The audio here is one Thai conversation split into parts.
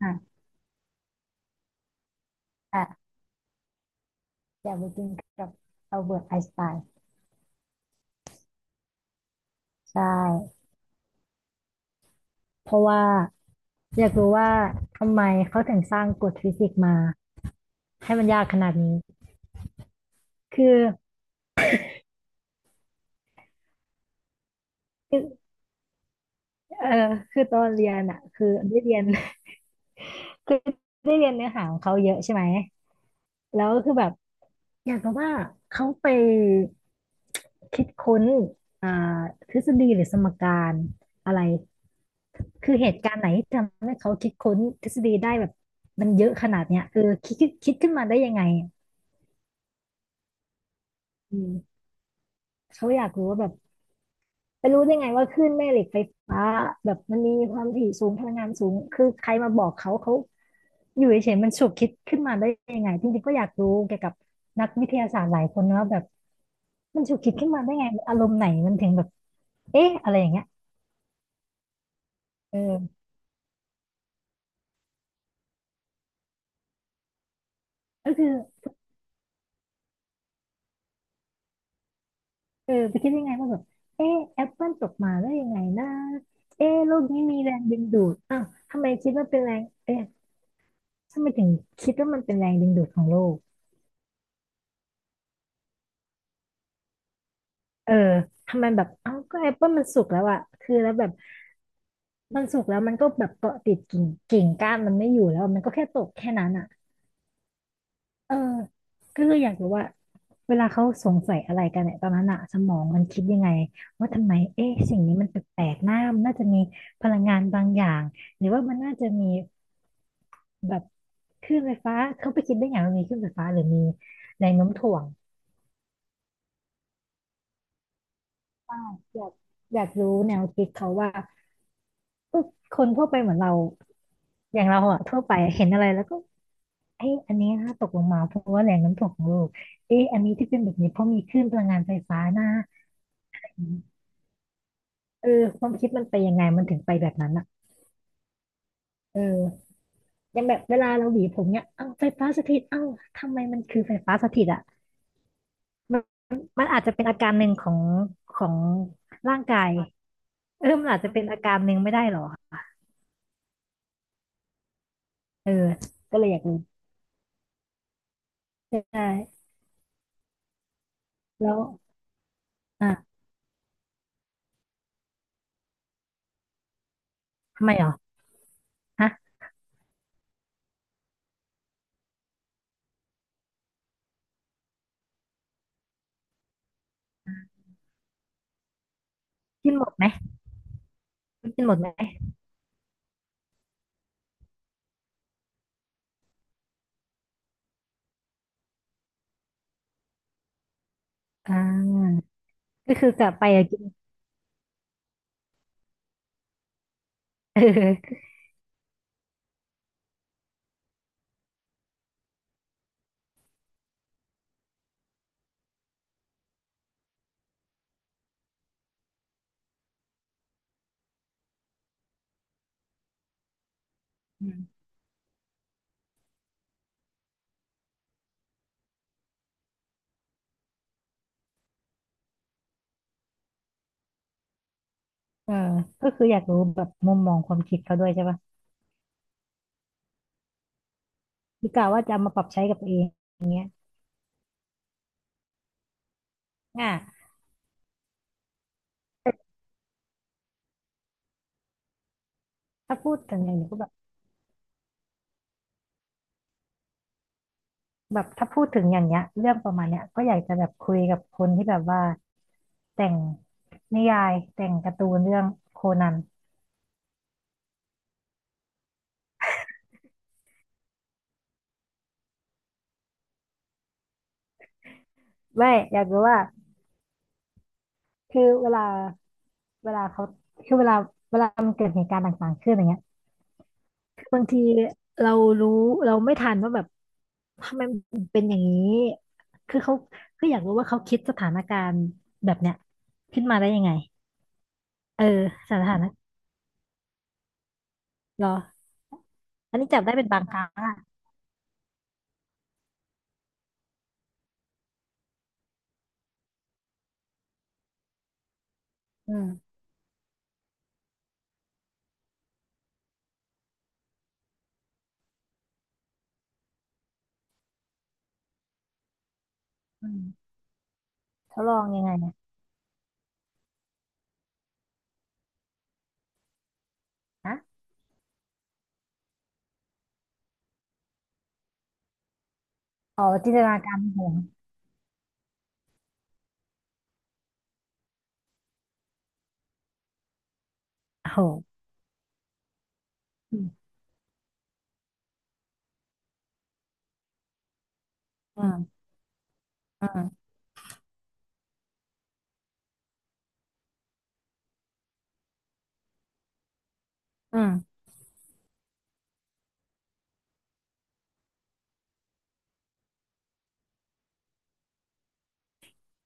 อ่ะอ่ะอยากไปกินกับอัลเบิร์ตไอน์สไตน์ใช่เพราะว่าอยากรู้ว่าทำไมเขาถึงสร้างกฎฟิสิกส์มาให้มันยากขนาดนี้คือคือเออคือตอนเรียนอ่ะคือได้เรียน คือได้เรียนเนื้อหาของเขาเยอะใช่ไหมแล้วคือแบบอยากรู้ว่าเขาไปคิดค้นอ่าทฤษฎีหรือสมการอะไรคือเหตุการณ์ไหนที่ทำให้เขาคิดค้นทฤษฎีได้แบบมันเยอะขนาดเนี้ยเออคิดขึ้นมาได้ยังไง อืมเขาอยากรู้ว่าแบบไปรู้ได้ไงว่าคลื่นแม่เหล็กไฟฟ้าแบบมันมีความถี่สูงพลังงานสูงคือใครมาบอกเขาเขาอยู่เฉยๆมันฉุกคิดขึ้นมาได้ยังไงจริงๆก็อยากรู้เกี่ยวกับนักวิทยาศาสตร์หลายคนนะว่าแบบมันฉุกคิดขึ้นมาได้ไงอารมณ์ไหนมันถึงแบบเอ๊ะอะไรอย่างเงี้ยเออก็คือเออไปคิดได้ไงว่าแบบเอ๊ะแอปเปิลตกมาได้ยังไงนะเอ๊ะโลกนี้มีแรงดึงดูดอ้าวทำไมคิดว่าเป็นแรงเอ๊ะทำไมถึงคิดว่ามันเป็นแรงดึงดูดของโลก เออทำไมแบบเอ้าก็แอปเปิลมันสุกแล้วอะคือแล้วแบบมันสุกแล้วมันก็แบบเกาะติดกิ่งก้านมันไม่อยู่แล้วมันก็แค่ตกแค่นั้นอะเออก็เลยอยากรู้ว่าเวลาเขาสงสัยอะไรกันเนี่ยตอนนั้นอะสมองมันคิดยังไงว่าทำไมเอ๊ะสิ่งนี้มันแปลกๆน้ามันน่าจะมีพลังงานบางอย่างหรือว่ามันน่าจะมีแบบคลื่นไฟฟ้าเขาไปคิดได้อย่างว่ามีคลื่นไฟฟ้าหรือมีแรงโน้มถ่วงใช่อยากอยากรู้แนวคิดเขาว่าเออคนทั่วไปเหมือนเรา อย่างเราอะทั่วไปเห็นอะไรแล้วก็เอ้ยอันนี้น่าตกลงมาเพราะว่าแรงน้ำถ่ของโลกเอ้ยอันนี้ที่เป็นแบบนี้เพราะมีคลื่นพลังงานไฟฟ้านะอืมเออความคิดมันไปยังไงมันถึงไปแบบนั้นอะเอออย่างแบบเวลาเราหวีผมเนี่ยเอ้าไฟฟ้าสถิตเอ้าทำไมมันคือไฟฟ้าสถิตอะมันมันอาจจะเป็นอาการหนึ่งของร่างกายเออมันอาจจะเป็นอาการหนึ่งไม่ได้หรอเออก็เลยอยากรู้ใช่แล้วอ่ะทำไมหรอฮะกินหมดไหมกินหมดไหมอ่าก็คือกลับไปอะ เอออืมเออก็คืออยากรู้แบบมุมมองความคิดเขาด้วยใช่ป่ะคือกะว่าจะเอามาปรับใช้กับตัวเองอย่างเงี้ยอ่ะถ้าพูดถึงอย่างนี้ก็แบบแบบถ้าพูดถึงอย่างเงี้ยเรื่องประมาณเนี้ยก็อยากจะแบบคุยกับคนที่แบบว่าแต่งนิยายแต่งการ์ตูนเรื่องโคนันไม่อยากรู้ว่าคือเวลาเขาคือเวลามันเกิดเหตุการณ์ต่างๆขึ้นอย่างเงี้ย บางทีเรารู้เราไม่ทันว่าแบบทำไมมันถึงเป็นอย่างนี้คือเขาคืออยากรู้ว่าเขาคิดสถานการณ์แบบเนี้ยขึ้นมาได้ยังไงเออสถานะเหรออันนี้จับได้เป็นบางครั้งอ่ะอืมอืมเขาลองยังไงเนี่ยนะอ๋อจินตนาการในหัวโอ้โหอืมอืมอืมอืม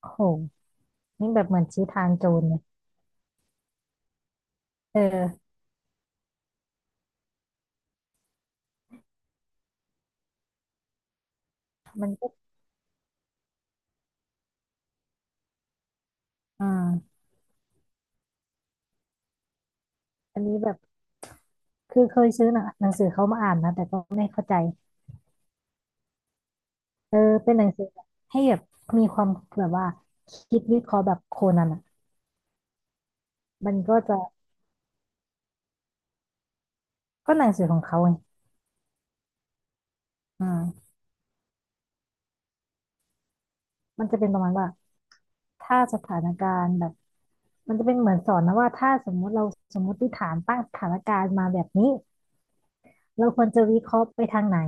โอ้โหนี่แบบเหมือนชี้ทางโจรเลยเออมันก็อืมอันนี้แบบคือเคยซื้อหนังสือเขามาอ่านนะแต่ก็ไม่เข้าใจ เออเป็นหนังสือแบบให้แบบมีความแบบว่าคิดวิเคราะห์แบบโคนันอ่ะมันก็จะก็หนังสือของเขาไงอ่ามันจะเป็นประมาณว่าถ้าสถานการณ์แบบมันจะเป็นเหมือนสอนนะว่าถ้าสมมุติเราสมมติฐานตั้งสถานการณ์มาแบบนี้เราควรจะวิเคราะห์ไปทางไหน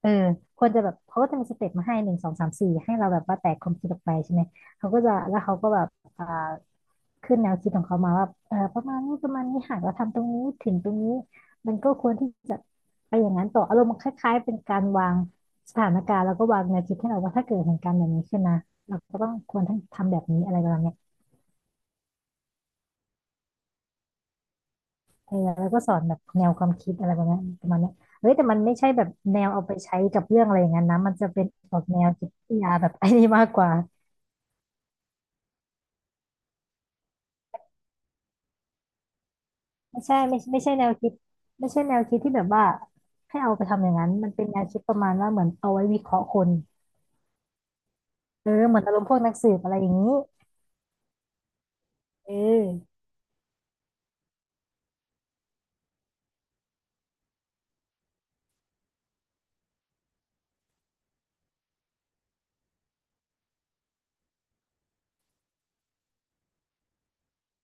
เออควรจะแบบเขาก็จะมีสเต็ปมาให้หนึ่งสองสามสี่ให้เราแบบว่าแตกความคิดออกไปใช่ไหมเขาก็จะแล้วเขาก็แบบอ่าขึ้นแนวคิดของเขามาว่าเออประมาณนี้ประมาณนี้หากเราทำตรงนี้ถึงตรงนี้มันก็ควรที่จะไปอย่างนั้นต่ออารมณ์คล้ายๆเป็นการวางสถานการณ์แล้วก็วางแนวคิดให้เราว่าถ้าเกิดเหตุการณ์แบบนี้ขึ้นนะเราก็ต้องควรทำแบบนี้อะไรประมาณเนี้ยเออแล้วก็สอนแบบแนวความคิดอะไรประมาณเนี้ยประมาณเนี้ยเฮ้ยแต่มันไม่ใช่แบบแนวเอาไปใช้กับเรื่องอะไรอย่างนั้นนะมันจะเป็นออกแนวจิตวิทยาแบบไอ้นี่มากกว่า ไม่ใช่แนวคิดไม่ใช่แนวคิดที่แบบว่าให้เอาไปทำอย่างนั้นมันเป็นแนวคิดประมาณว่าเหมือนเอาไว้วิเคราะห์คนเออเหมือนอารมณ์พวกนักสืบอะไรอย่างนี้เออ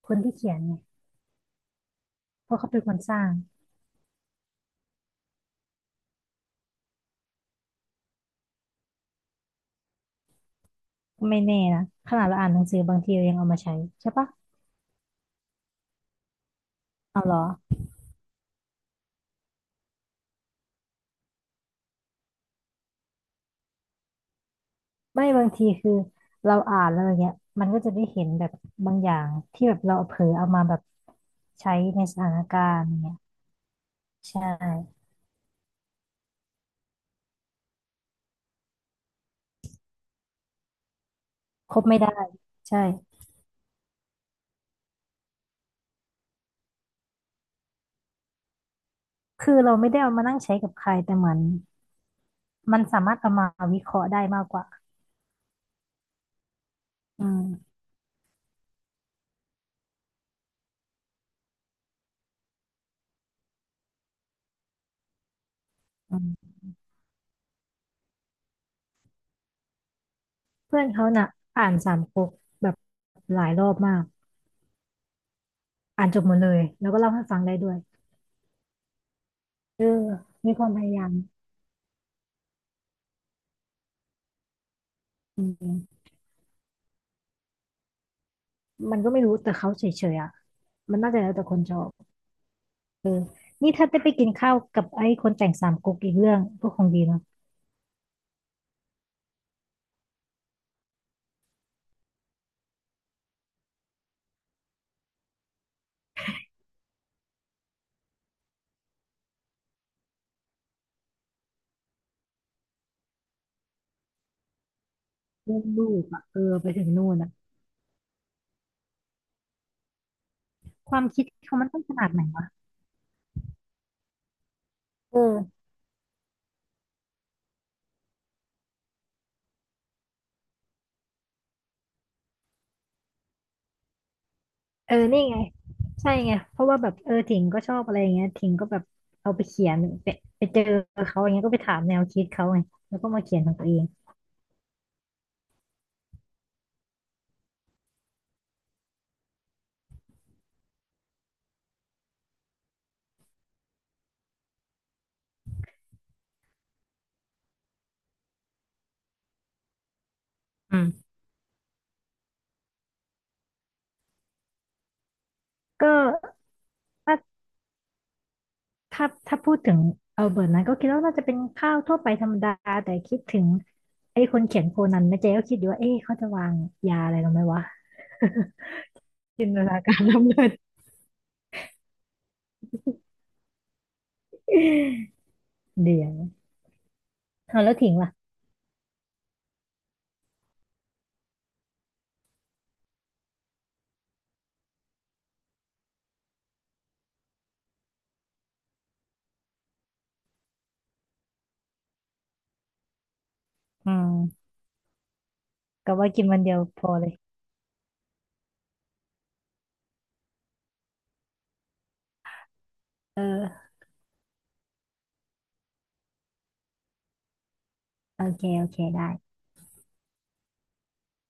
คนที่เขียนเนี่ยเพราะเขาเป็นคนสร้างไม่แน่นะขนาดเราอ่านหนังสือบางทีเรายังเอามาใช้ใช่ปะเอาเหรอไม่บางทีคือเราอ่านแล้วอย่างเงี้ยมันก็จะได้เห็นแบบบางอย่างที่แบบเราเผลอเอามาแบบใช้ในสถานการณ์อย่างเงี้ยใช่ครบไม่ได้ใช่คือเราไม่ได้เอามานั่งใช้กับใครแต่เหมือน มันสามารถเอามาวิเคราะห์ได้มากกว่าอืมอืมเพื่อนเขาน่ะอ่านสามก๊กแบบหลายรอบมากอ่านจบหมดเลยแล้วก็เล่าให้ฟังได้ด้วยเออมีความพยายามอืมมันก็ไม่รู้แต่เขาเฉยๆอ่ะมันน่าจะแล้วแต่คนชอบเออนี่ถ้าได้ไปกินข้าวกับไอ้คนแต่งสามก๊กอีกเรื่องก็คงดีเนาะเรื่องลูกอ่ะเออไปถึงนู่นอ่ะความคิดเขามันต้องขนาดไหนวะเออ เออนี่ไงใช่ไง เพราะว่าแบบเออถิงก็ชอบอะไรอย่างเงี้ยถิงก็แบบเอาไปเขียนไปไปเจอเขาอย่างเงี้ยก็ไปถามแนวคิดเขาไงแล้วก็มาเขียนของตัวเองอืมก็ถ้าถ้าพูดถึงเอาเบิร์ตนะก็คิดว่าน่าจะเป็นข้าวทั่วไปธรรมดาแต่คิดถึงไอ้คนเขียนโคนันนะเจ๊ก็คิดอยู่ว่าเอ๊ะเขาจะวางยาอะไรลงไหมวะ จินตนาการล้ำเลิศ เดี๋ยวเอาแล้วถิงล่ะอืมก็ว่ากินวันเดียวพอเลยเออโอเคโอเคได้